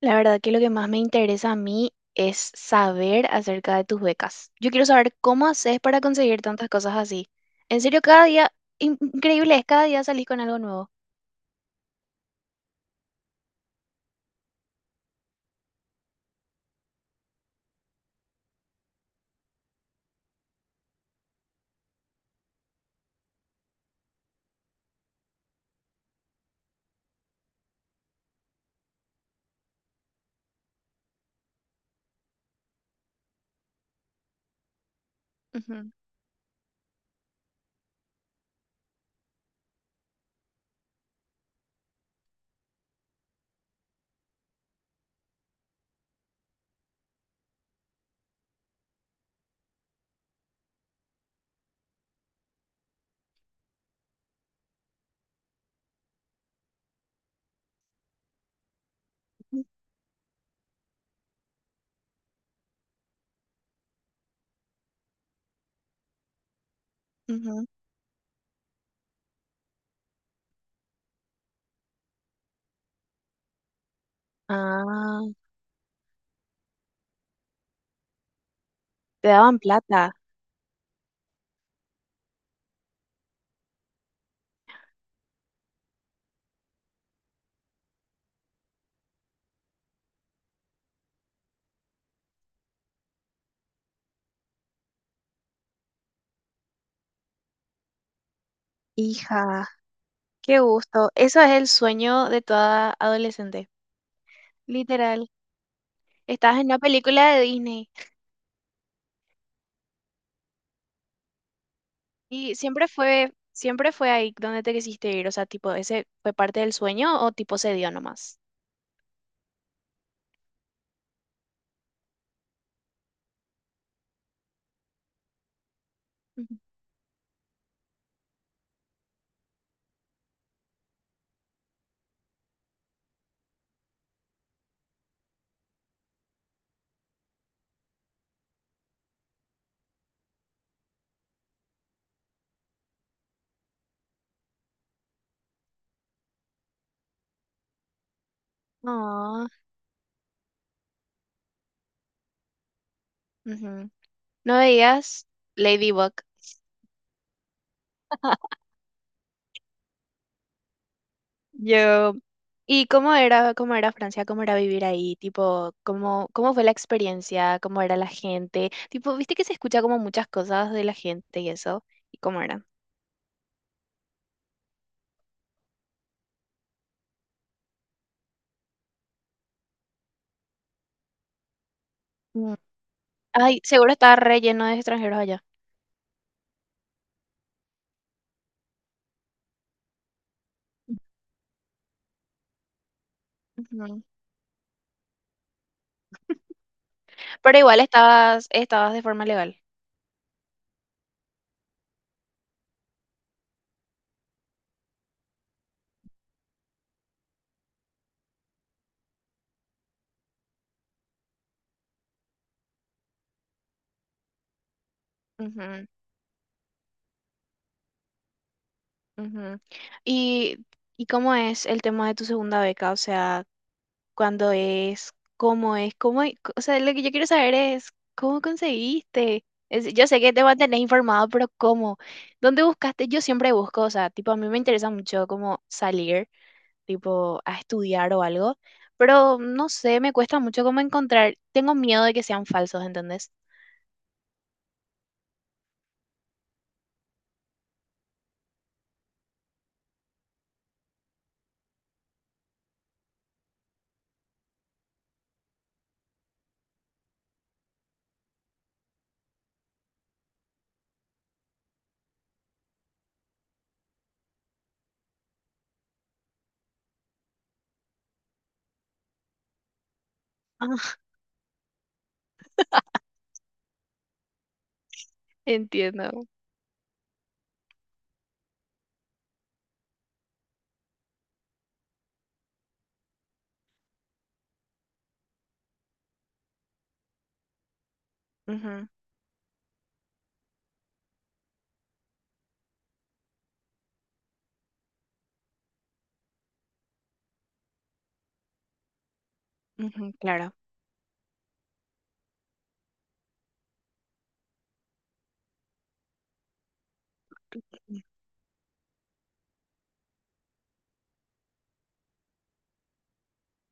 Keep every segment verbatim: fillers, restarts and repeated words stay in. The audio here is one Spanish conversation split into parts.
La verdad que lo que más me interesa a mí es saber acerca de tus becas. Yo quiero saber cómo haces para conseguir tantas cosas así. En serio, cada día, in- increíble es, cada día salís con algo nuevo. Ujú, ujú. Ah, te daban plata. Hija, qué gusto. Eso es el sueño de toda adolescente. Literal. Estabas en una película de Disney y siempre fue, siempre fue ahí donde te quisiste ir. O sea, tipo, ¿ese fue parte del sueño o tipo se dio nomás? Ujú. Ujú. No veías Ladybug. Yo. ¿Y cómo era, cómo era Francia? ¿Cómo era vivir ahí? Tipo, ¿cómo, cómo fue la experiencia? ¿Cómo era la gente? Tipo, viste que se escucha como muchas cosas de la gente y eso. ¿Y cómo era? Mm. Ay, seguro estaba re lleno de extranjeros allá. Ujú. Pero igual estabas, estabas de forma legal. Ujú, ujú. ¿Y, y cómo es el tema de tu segunda beca? O sea, cuando es, cómo es, cómo, e- o sea, lo que yo quiero saber es cómo conseguiste. Es- yo sé que te mantenés informado, pero ¿cómo? ¿Dónde buscaste? Yo siempre busco, o sea, tipo, a mí me interesa mucho como salir, tipo, a estudiar o algo, pero no sé, me cuesta mucho como encontrar, tengo miedo de que sean falsos, ¿entendés? Ah, entiendo. Ujú, ujú, claro,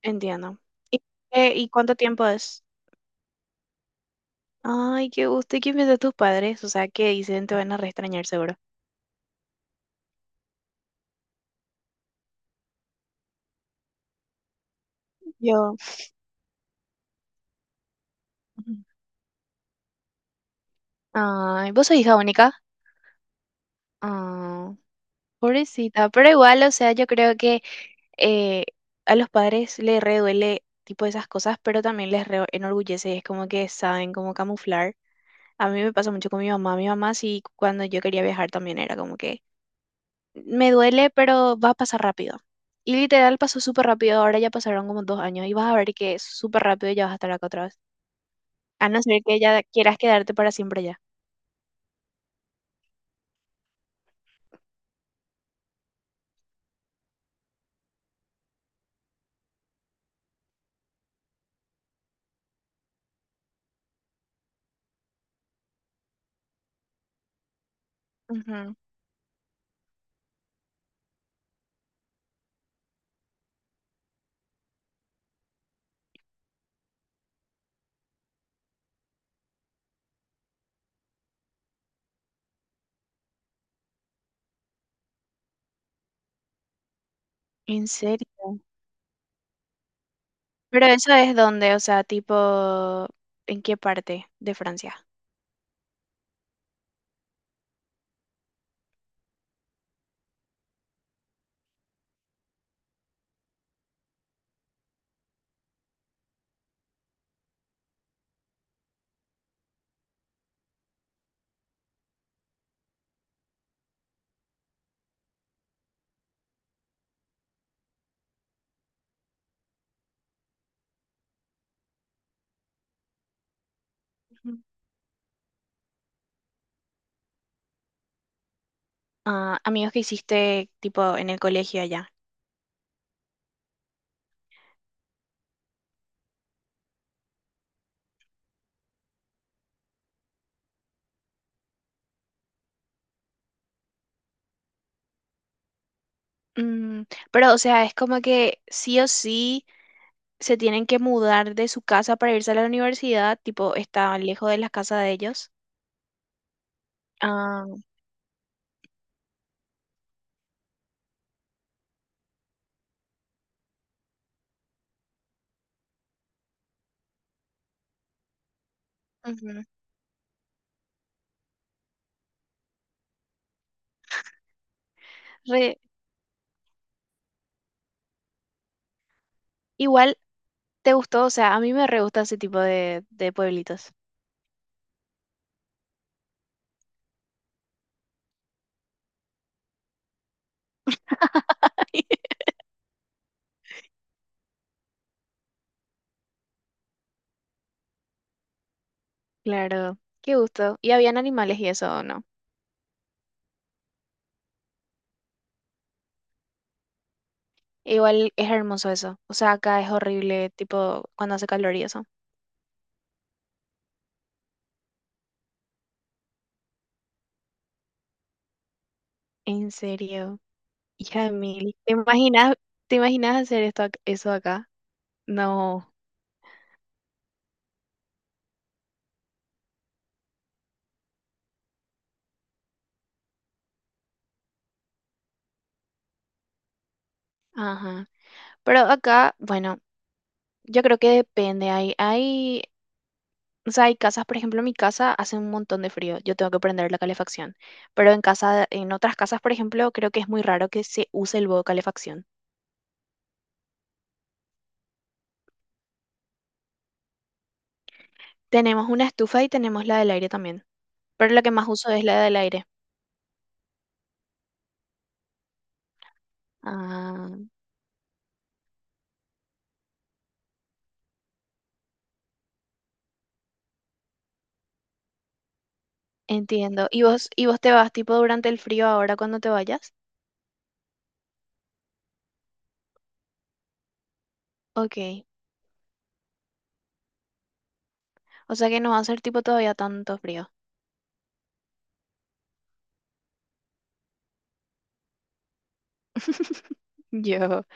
entiendo. ¿Y, eh, ¿y cuánto tiempo es? Ay, qué gusto. ¿Y qué piensan tus padres? O sea, ¿qué dicen? Te van a reextrañar seguro. Yo. Ay, vos sos hija única. Ah, pobrecita. Pero igual, o sea, yo creo que eh, a los padres les re duele tipo esas cosas, pero también les re enorgullece. Es como que saben cómo camuflar. A mí me pasa mucho con mi mamá. Mi mamá sí, cuando yo quería viajar también era como que me duele, pero va a pasar rápido. Y literal pasó súper rápido. Ahora ya pasaron como dos años y vas a ver que súper rápido ya vas a estar acá otra vez. A no ser que ya quieras quedarte para siempre allá. Ujú. ¿En serio? Pero eso es donde, o sea, tipo, ¿en qué parte de Francia? Ujú. Ah, amigos que hiciste, tipo, en el colegio allá. Mm, pero, o sea, es como que sí o sí se tienen que mudar de su casa para irse a la universidad, tipo, está lejos de la casa de ellos. Ah, ujú. Re- Igual, ¿te gustó? O sea, a mí me re gusta ese tipo de, de pueblitos. Claro, qué gusto. ¿Y habían animales y eso o no? Igual es hermoso eso. O sea, acá es horrible, tipo, cuando hace calor y eso. En serio, hija de mil. ¿Te imaginas, te imaginas hacer esto, ac- eso acá? No. Ajá. Pero acá, bueno, yo creo que depende. Hay, hay, o sea, hay casas, por ejemplo, en mi casa hace un montón de frío. Yo tengo que prender la calefacción. Pero en casa, en otras casas, por ejemplo, creo que es muy raro que se use el modo calefacción. Tenemos una estufa y tenemos la del aire también. Pero la que más uso es la del aire. Ah. Entiendo. ¿Y vos, y vos te vas tipo durante el frío ahora cuando te vayas? Ok. O sea que no va a ser tipo todavía tanto frío. Yo.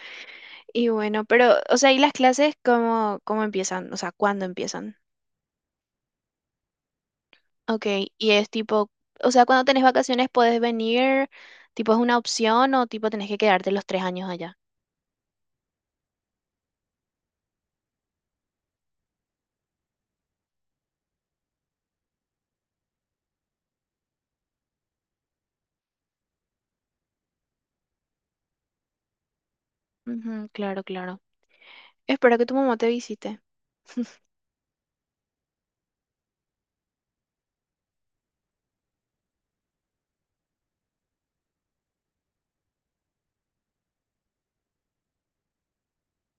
Y bueno, pero, o sea, ¿y las clases cómo, cómo empiezan? O sea, ¿cuándo empiezan? Ok. Y es tipo, o sea, cuando tenés vacaciones podés venir, tipo es una opción o tipo tenés que quedarte los tres años allá. Ujú, claro, claro. Espero que tu mamá te visite.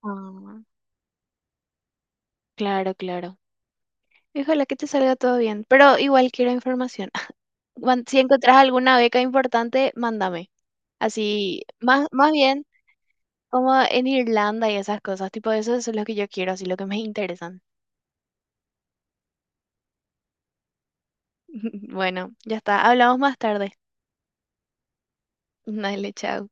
Ah, claro, claro. Y ojalá que te salga todo bien, pero igual quiero información. Cuan- Si encontrás alguna beca importante, mándame. Así, más, más bien como en Irlanda y esas cosas, tipo eso, eso es lo que yo quiero, así lo que me interesan. Bueno, ya está. Hablamos más tarde. Dale, chao.